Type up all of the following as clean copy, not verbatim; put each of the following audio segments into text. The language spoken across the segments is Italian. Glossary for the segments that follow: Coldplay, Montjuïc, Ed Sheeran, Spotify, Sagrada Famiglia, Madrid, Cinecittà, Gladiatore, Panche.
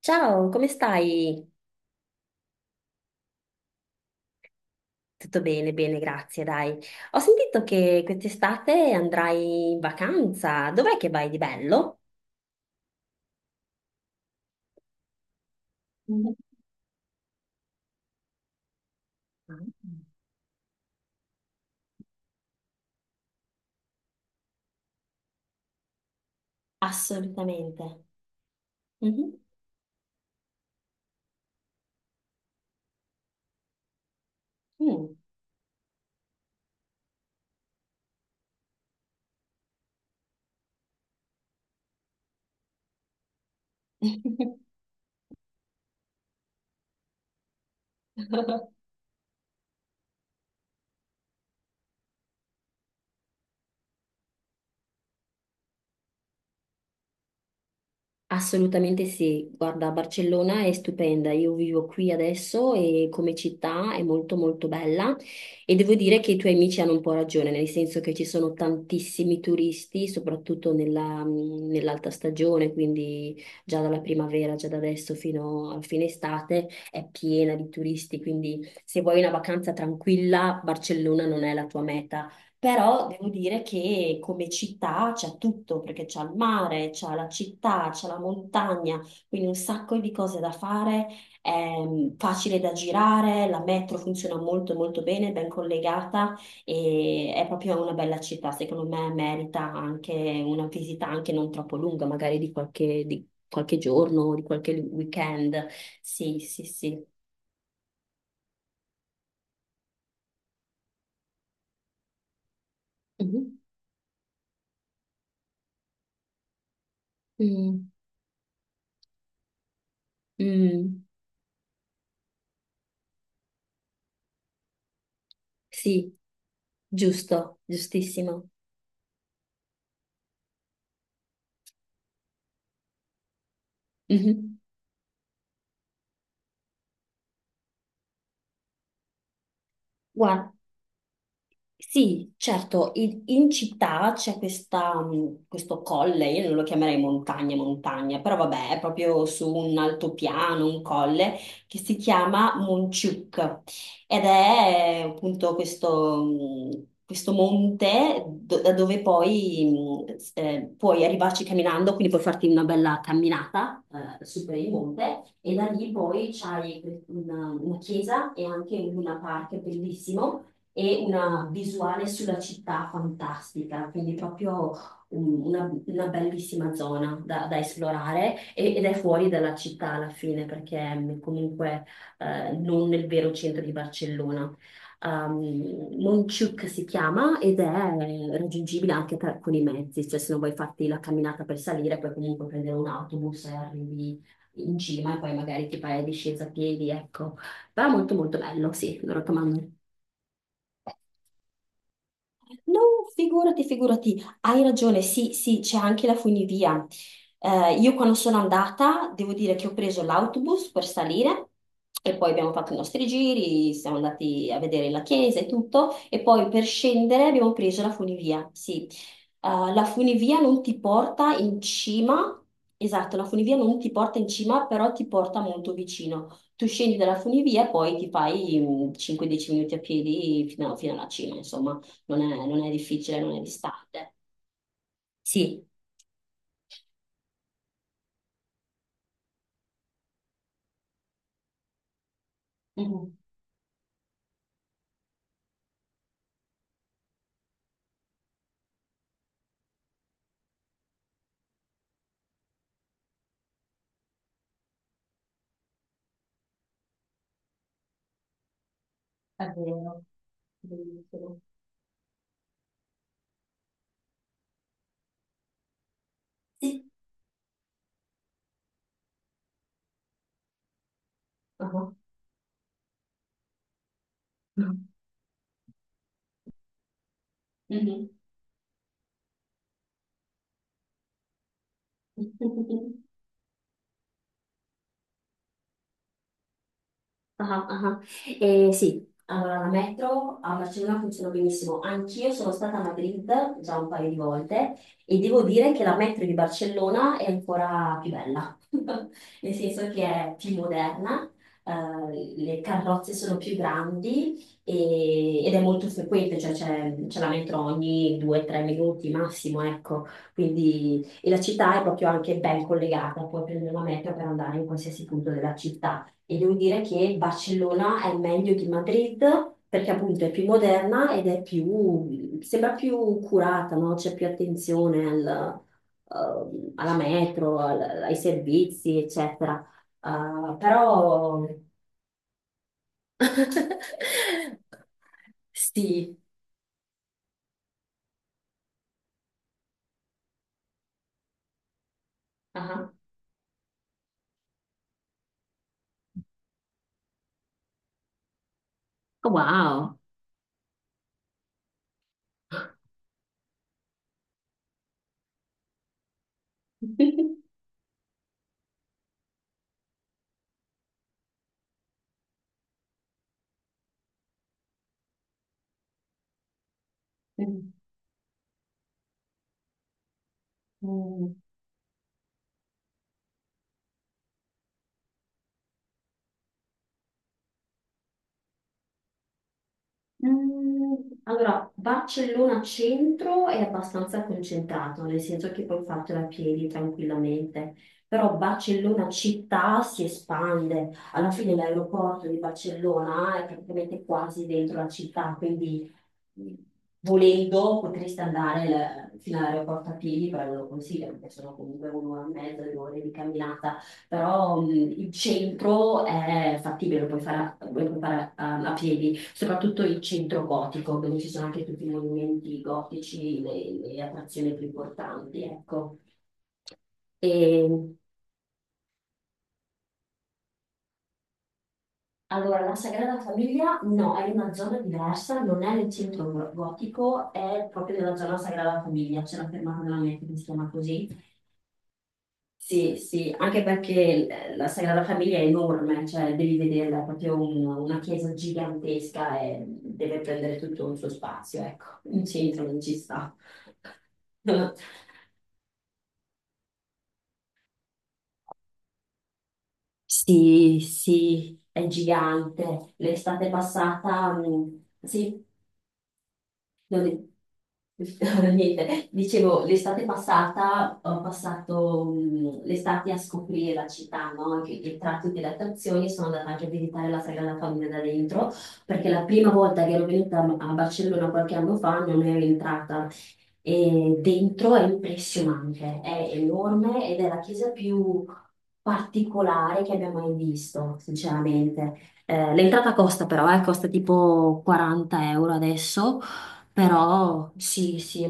Ciao, come stai? Tutto bene, bene, grazie, dai. Ho sentito che quest'estate andrai in vacanza. Dov'è che vai di bello? Mhm. Assolutamente. Mhm. Mm. Assolutamente sì, guarda, Barcellona è stupenda, io vivo qui adesso e come città è molto molto bella e devo dire che i tuoi amici hanno un po' ragione, nel senso che ci sono tantissimi turisti, soprattutto nell'alta stagione, quindi già dalla primavera, già da adesso fino a fine estate è piena di turisti, quindi se vuoi una vacanza tranquilla, Barcellona non è la tua meta, però devo dire che come città c'è tutto, perché c'è il mare, c'è la città, c'è la montagna, quindi un sacco di cose da fare, è facile da girare, la metro funziona molto molto bene, ben collegata e è proprio una bella città, secondo me merita anche una visita anche non troppo lunga, magari di qualche giorno, di qualche weekend. Sì, sì, sì. Mhm. Mm. Mm. Sì, giusto, giustissimo. Mhm. Guarda, sì, certo, in città c'è questo colle, io non lo chiamerei montagna, montagna, però vabbè, è proprio su un altopiano, un colle, che si chiama Monciuc ed è appunto questo, questo monte da dove poi puoi arrivarci camminando, quindi puoi farti una bella camminata su per il monte e da lì poi c'hai una chiesa e anche un luna park bellissimo e una visuale sulla città fantastica, quindi proprio una bellissima zona da esplorare ed è fuori dalla città alla fine perché è comunque non nel vero centro di Barcellona. Um, Montjuïc si chiama ed è raggiungibile con i mezzi, cioè se non vuoi farti la camminata per salire, puoi comunque prendere un autobus e arrivi in cima e poi magari ti fai la discesa a piedi, ecco. Però molto molto bello, sì, lo raccomando. No, figurati, figurati, hai ragione, sì, sì, c'è anche la funivia. Io quando sono andata, devo dire che ho preso l'autobus per salire e poi abbiamo fatto i nostri giri, siamo andati a vedere la chiesa e tutto, e poi per scendere abbiamo preso la funivia, sì. La funivia non ti porta in cima, esatto, la funivia non ti porta in cima, però ti porta molto vicino. Tu scendi dalla funivia e poi ti fai 5-10 minuti a piedi fino alla cima, insomma non è difficile, non è distante. Sì. Mhm. È vero, bellissimo. Sì. Ah. Mhm. Ah, ah, ah. Sì, allora la metro a Barcellona funziona benissimo. Anch'io sono stata a Madrid già un paio di volte e devo dire che la metro di Barcellona è ancora più bella, nel senso che è più moderna, le carrozze sono più grandi ed è molto frequente, cioè c'è la metro ogni 2-3 minuti massimo, ecco. Quindi, e la città è proprio anche ben collegata, puoi prendere la metro per andare in qualsiasi punto della città. E devo dire che il Barcellona è meglio di Madrid perché appunto è più moderna ed è più, sembra più curata, no? C'è più attenzione alla metro, ai servizi, eccetera. Però sì. Ah. Wow. Mm. Mm, Allora, Barcellona centro è abbastanza concentrato, nel senso che puoi fartela a piedi tranquillamente, però Barcellona città si espande, alla fine l'aeroporto di Barcellona è praticamente quasi dentro la città, quindi mm, volendo potresti andare fino all'aeroporto a piedi, però non lo consiglio perché sono comunque un'ora e mezza, 2 ore di camminata, però il centro è fattibile, lo puoi fare a piedi, soprattutto il centro gotico, dove ci sono anche tutti i monumenti gotici, le attrazioni più importanti, ecco. E, allora, la Sagrada Famiglia no, è in una zona diversa, non è nel centro gotico, è proprio nella zona Sagrada Famiglia, c'è una fermata della metro che si chiama così. Sì, sì, anche perché la Sagrada Famiglia è enorme, cioè devi vederla, è proprio una chiesa gigantesca e deve prendere tutto un suo spazio, ecco, in centro non ci sta. Sì, sì, è gigante. L'estate passata, sì, Non è- niente, dicevo, l'estate passata ho passato l'estate a scoprire la città, no? Anche i tratti delle attrazioni, sono andata anche a visitare la Sagrada Famiglia da dentro, perché la prima volta che ero venuta a Barcellona qualche anno fa non ero entrata. E dentro è impressionante, è enorme ed è la chiesa più particolare che abbia mai visto, sinceramente. L'entrata costa però, costa tipo 40 € adesso, però sì, sì,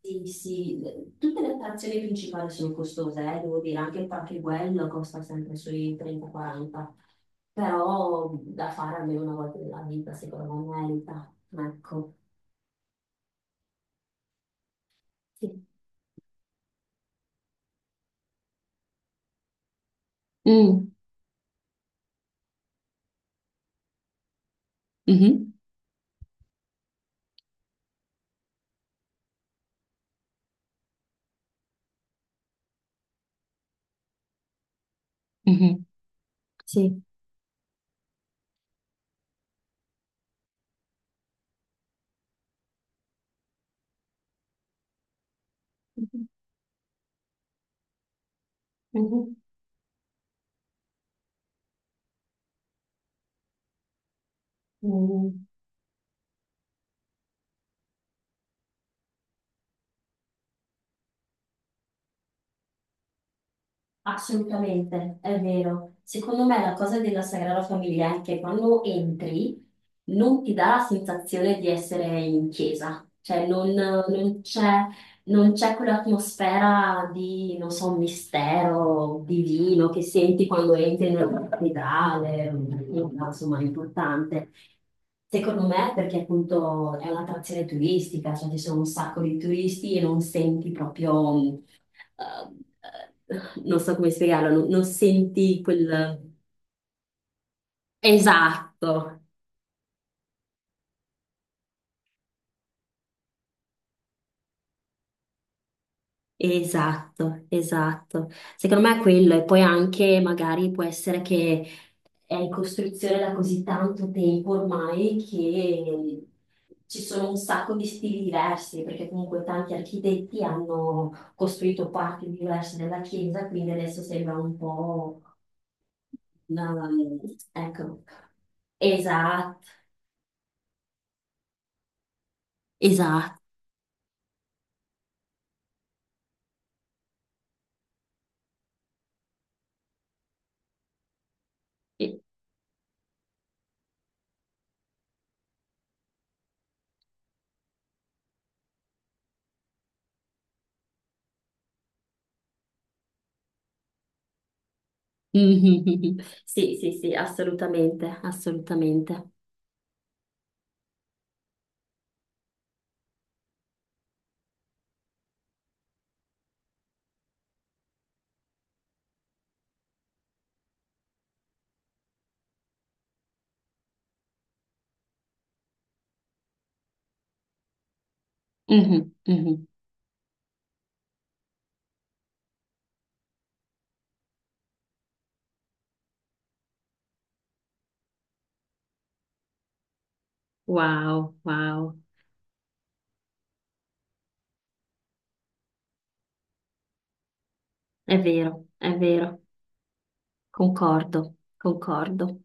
sì, sì, tutte le attrazioni principali sono costose, devo dire, anche il Panche costa sempre sui 30-40, però da fare almeno una volta nella vita, secondo me, merita. Ecco, sì. Mm, mhm, mhm. Sì. Mhm. Mm. Assolutamente, è vero. Secondo me la cosa della Sagrada Famiglia è che quando entri non ti dà la sensazione di essere in chiesa, cioè non c'è quell'atmosfera di, non so, mistero divino che senti quando entri nella cattedrale, insomma, è importante. Secondo me, perché appunto è un'attrazione turistica, cioè ci sono un sacco di turisti e non senti proprio Ehm, non so come spiegarlo, non senti quel... Esatto, esatto, esatto. Secondo me è quello, e poi anche magari può essere che è in costruzione da così tanto tempo ormai che ci sono un sacco di stili diversi, perché comunque tanti architetti hanno costruito parti diverse della chiesa, quindi adesso sembra un po'... una- Ecco, esatto, esatto. Mhm. Sì, sì, sì, assolutamente, assolutamente. Mhm, mhm. Wow, wow, è vero, concordo, concordo.